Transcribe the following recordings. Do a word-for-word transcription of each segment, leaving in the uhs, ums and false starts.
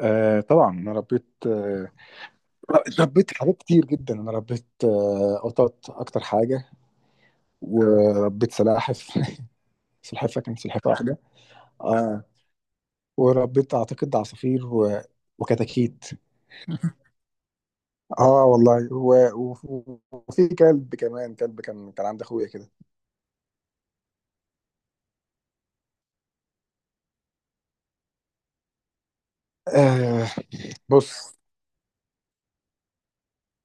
آه طبعا انا ربيت آه ربيت حاجات كتير جدا. انا ربيت آه قطط اكتر حاجه، وربيت سلاحف سلحفه، كانت سلحفه واحده. آه، وربيت اعتقد عصافير و... وكتاكيت. اه والله، و... و... وفي كلب كمان، كلب كان كان عند اخويا كده. آه. بص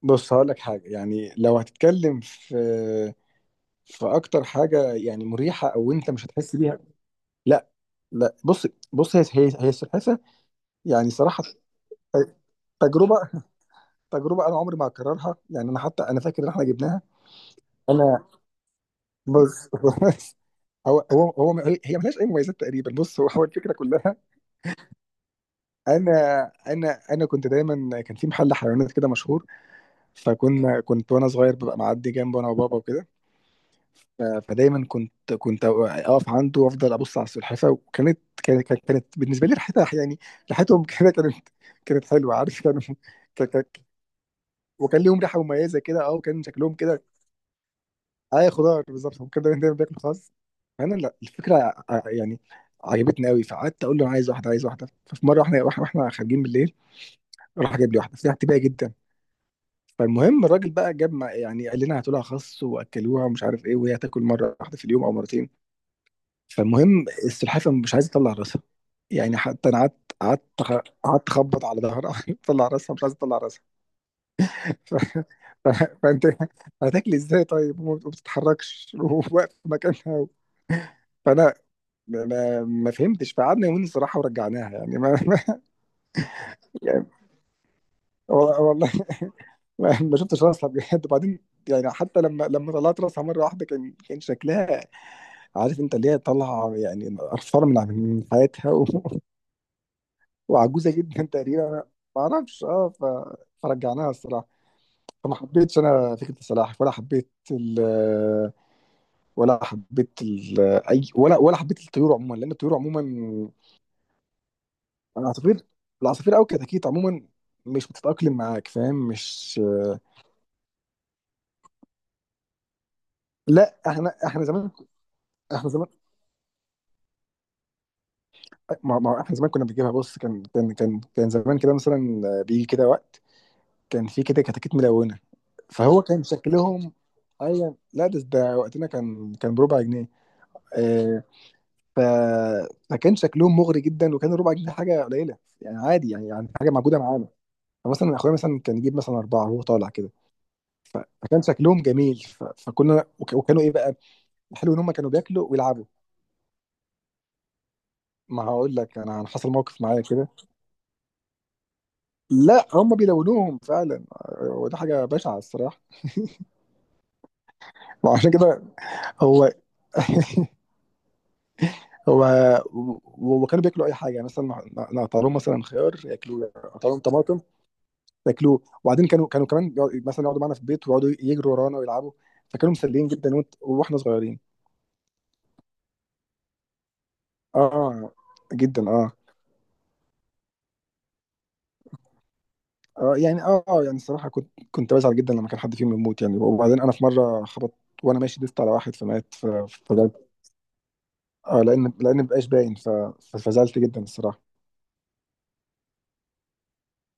بص هقول لك حاجه، يعني لو هتتكلم في في اكتر حاجه يعني مريحه او انت مش هتحس بيها. لا لا. بص بص هي هي هي السلحفه يعني صراحة. ت- تجربة. تجربة أنا عمري ما هكررها، يعني أنا حتى أنا فاكر إن إحنا جبناها. أنا، بص بص. هو هو هو هي ملهاش أي مميزات تقريبا. بص، هو هو الفكرة كلها. أنا أنا أنا كنت دايما، كان في محل حيوانات كده مشهور، فكنا كنت وأنا صغير ببقى معدي جنبه، أنا وبابا وكده. ف- فدايما كنت كنت أقف عنده وأفضل أبص على السلحفاة، وكانت كانت كانت كانت بالنسبة لي ريحتها، يعني ريحتهم كده، كانت كانت حلوة، عارف، كانوا، وكان ليهم ريحه مميزه كده. اه، وكان شكلهم كده. اي خضار بالظبط، هم كانوا دايما بياكلوا خس. فانا لا، الفكره ع- يعني عجبتني قوي، فقعدت اقول له انا عايز واحده، عايز واحده. ففي مره احنا واحنا واحنا خارجين بالليل، راح جاب لي واحده فيها اعتباهي جدا. فالمهم الراجل بقى جاب مع- يعني قال لنا هاتوا لها خس واكلوها ومش عارف ايه، وهي تاكل مره واحده في اليوم او مرتين. فالمهم السلحفاه مش عايزه تطلع راسها، يعني حتى انا قعدت قعدت قعدت اخبط على ظهرها تطلع راسها، مش عايزه تطلع راسها. ف... ف... فانت هتاكلي ازاي طيب، وما بتتحركش وواقف في مكانها. فانا ما, ما فهمتش، فقعدنا يومين الصراحه ورجعناها، يعني ما, ما. يعني وال- والله ما, ما شفتش راسها بجد. وبعدين يعني حتى لما لما طلعت راسها مره واحده، كان كان شكلها، عارف انت، اللي هي طالعه يعني قرفانه من من حياتها و... وعجوزه جدا تقريبا. ما اعرفش. اه، ف... فرجعناها الصراحه. فما حبيتش انا فكره السلاحف، ولا حبيت ال ولا حبيت ال- اي ولا ولا حبيت الطيور عموما، لان الطيور عموما، العصافير العصافير او كتاكيت عموما، مش بتتاقلم معاك، فاهم؟ مش، لا. احنا احنا زمان، احنا زمان ما ما- احنا زمان كنا بنجيبها. بص، كان كان كان كان زمان كده مثلا، بيجي كده وقت كان في كده كتاكيت ملونه. فهو كان شكلهم، ايوه لا، ده ده وقتنا كان كان بربع جنيه. آه. ف، فكان شكلهم مغري جدا، وكان ربع جنيه حاجه قليله، يعني عادي، يعني يعني حاجه موجوده معانا. فمثلا اخويا مثلا كان يجيب مثلا اربعه وهو طالع كده. فكان شكلهم جميل. ف... فكنا وك... وكانوا ايه بقى، الحلو ان هم كانوا بياكلوا ويلعبوا. ما هقول لك، انا أنا حصل موقف معايا كده. لا، هم بيلونوهم فعلا، وده حاجه بشعه الصراحه. وعشان كده هو. هو. و، وكانوا بياكلوا اي حاجه، يعني مثلا نقطع لهم مثلا خيار ياكلوه، نقطع لهم طماطم ياكلوه. وبعدين كانوا كانوا كمان بيقعد- مثلا يقعدوا معانا في البيت ويقعدوا يجروا ورانا ويلعبوا. فكانوا مسليين جدا، وإنت- واحنا صغيرين. اه آه، جدا اه. اه يعني اه آه، يعني الصراحه كنت كنت بزعل جدا لما كان حد فيهم يموت يعني. وبعدين انا في مره خبط، وانا ماشي دست على واحد فمات. ف- فزعلت، اه، لان لان مبقاش باين. ف- ف- فزعلت جدا الصراحه.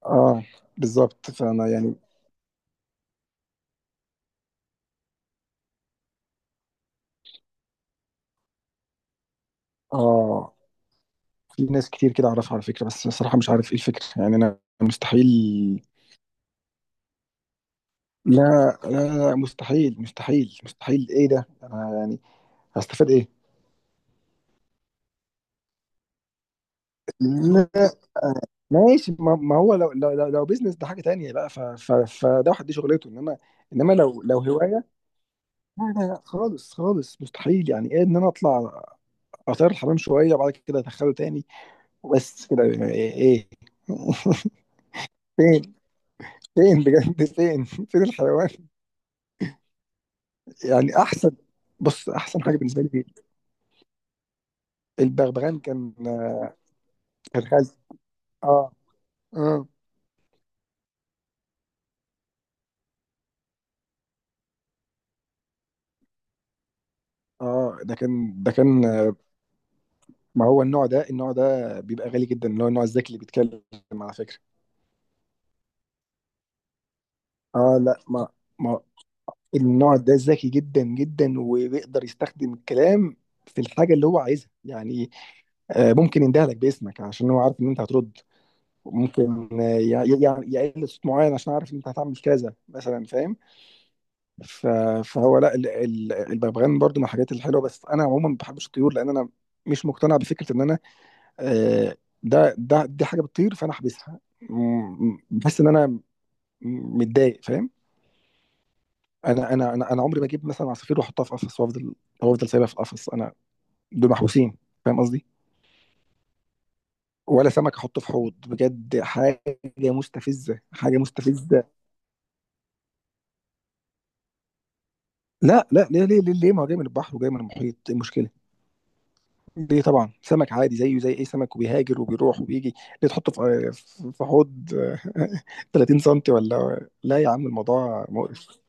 اه، بالظبط. فانا يعني اه. في ناس كتير كده اعرفها على فكره، بس الصراحه مش عارف ايه الفكره، يعني انا مستحيل. لا لا لا، مستحيل مستحيل مستحيل، ايه ده؟ انا يعني هستفاد ايه؟ لا ماشي، ما ما هو، لو لو لو, لو بيزنس ده حاجه تانية بقى، ف ف فده واحد دي شغلته، انما، انما لو لو هوايه، لا لا لا، خالص خالص مستحيل، يعني ايه ان انا اطلع اطير الحمام شويه وبعد كده ادخله تاني؟ بس كده ايه, إيه؟ فين، فين بجد فين فين الحيوان؟ يعني احسن. بص احسن حاجه بالنسبه لي، البغبغان، كان كان خالتي. اه اه. اه ده كان ده كان. ما هو النوع ده، النوع ده بيبقى غالي جدا، اللي هو النوع الذكي اللي بيتكلم على فكره. اه لا ما. ما النوع ده ذكي جدا جدا، وبيقدر يستخدم الكلام في الحاجة اللي هو عايزها يعني. آه، ممكن يندهلك باسمك عشان هو عارف ان انت هترد. ممكن آه، يع- يع- يقل صوت معين عشان عارف ان انت هتعمل كذا مثلا، فاهم؟ ف- فهو لا، ال- ال- الببغان برضو من الحاجات الحلوة. بس انا عموما ما بحبش الطيور، لان انا مش مقتنع بفكرة ان انا آه، ده ده دي حاجة بتطير فانا احبسها. م- م- بحس ان انا متضايق، فاهم؟ انا انا انا انا عمري ما اجيب مثلا عصافير واحطها في قفص، وافضل وافضل سايبها في القفص. انا، دول محبوسين، فاهم قصدي؟ ولا سمك احطه في حوض، بجد حاجه مستفزه، حاجه مستفزه. لا لا، ليه ليه ليه, ليه؟ ما هو جاي من البحر وجاي من المحيط، ايه المشكله؟ ليه؟ طبعا سمك عادي زيه زي اي سمك، وبيهاجر وبيروح وبيجي، ليه تحطه في في حوض تلاتين سم؟ ولا لا يا عم، الموضوع مقرف.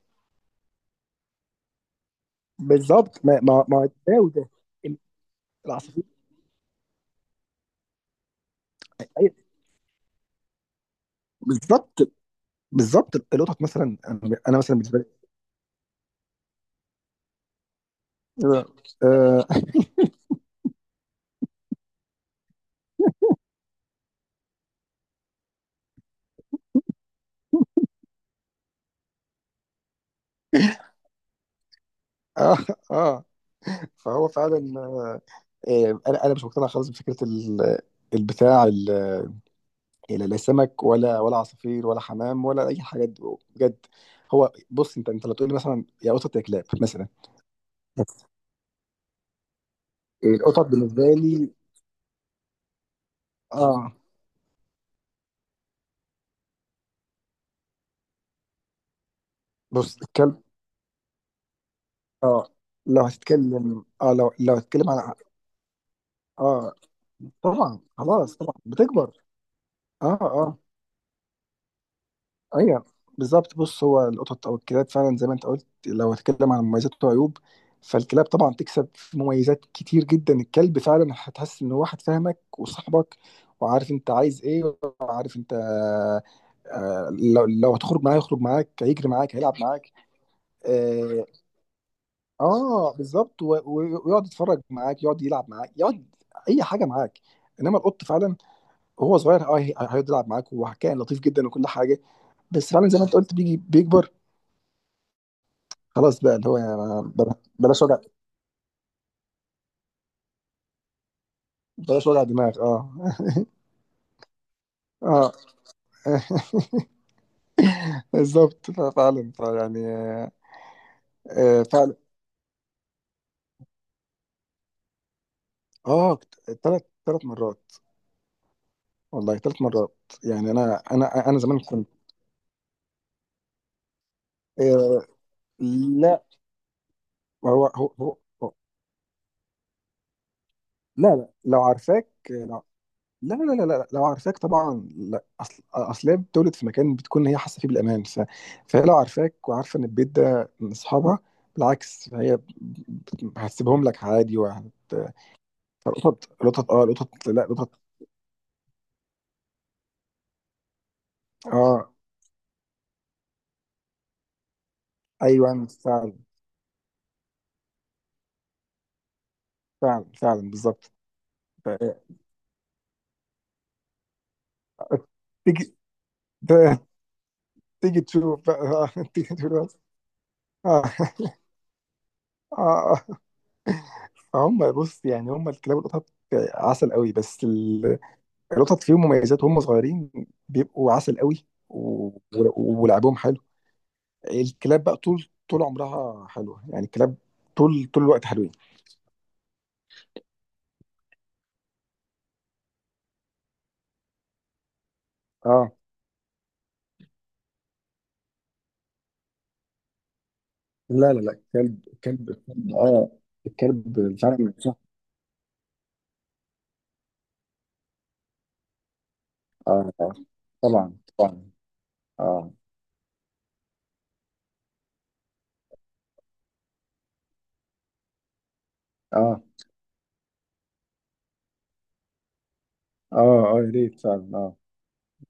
بالظبط، ما ما ما ده وده العصافير. أي، بالظبط بالظبط، القطط مثلا، انا أنا مثلا بالنسبه. اه اه آه. فهو فعلا آه، انا، انا مش مقتنع خالص بفكره ال- البتاع ال- لا، لا سمك ولا ولا عصافير ولا حمام ولا اي حاجه دي، بجد. هو بص انت، انت لو تقول لي مثلا يا قطط يا كلاب مثلا، القطط بالنسبه لي، اه. بص الكلب، اه لو هتتكلم، اه لو لو هتتكلم عن، اه طبعا، خلاص طبعا بتكبر، اه آه. ايوه بالظبط، بص هو القطط او الكلاب فعلا زي ما انت قلت، لو هتكلم عن مميزات وعيوب، فالكلاب طبعا تكسب في مميزات كتير جدا. الكلب فعلا هتحس ان هو واحد فاهمك وصاحبك، وعارف انت عايز ايه، وعارف انت آه، لو لو هتخرج معاه يخرج معاك، هيجري معاك، هيلعب معاك. اه آه، بالظبط. و- و- ويقعد يتفرج معاك، يقعد يلعب معاك، يقعد اي حاجه معاك. انما القط فعلا، وهو صغير، اه هي- هيقعد يلعب معاك، وكائن لطيف جدا وكل حاجه. بس فعلا زي ما انت قلت، بيجي بيكبر خلاص بقى، اللي هو يعني ما- بلا- بلاش وجع. بلاش وجع دماغ، اه. اه بالظبط، ف- فعلا، ف- يعني آه، فعلا. اه، ثلاث ثلاث مرات. والله ثلاث مرات. يعني انا انا انا زمان كنت آه، لا. هو هو هو هو- لا لا لو عارفاك، لو- لا لا لا لا، لو عارفاك طبعا لا، اصل اصل هي بتولد في مكان بتكون هي حاسه فيه بالامان. ف... فهي لو عارفاك وعارفه ان البيت ده من اصحابها، بالعكس هي بت- هتسيبهم لك عادي، وهت، القطط القطط اه القطط لا، القطط. اه ايوه فعلا، فعلا، فعلا، بالظبط. ف- آه، تيجي، ت- تيجي تشوف بقى آه، تيجي تقول بس. اه اه. هم بص يعني، هم الكلاب والقطط عسل قوي، بس ال- القطط فيهم مميزات، وهم صغيرين بيبقوا عسل قوي، و- و- ولعبهم حلو. الكلاب بقى طول طول عمرها حلوة، يعني الكلاب طول طول الوقت حلوين. اه لا لا لا، الكلب الكلب الكلب، اه الكلب فعلا. صح طبعا طبعا، اه اه. اه اه، يا ريت فعلا، اه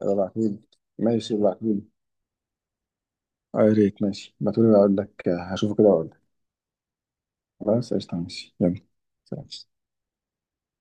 ابعتهولي. ماشي ابعتهولي. اه يا ريت، ماشي ابعتهولي، اقول لك آه، هشوفه كده واقول لك. خلاص قشطة، ماشي يلا. سلام.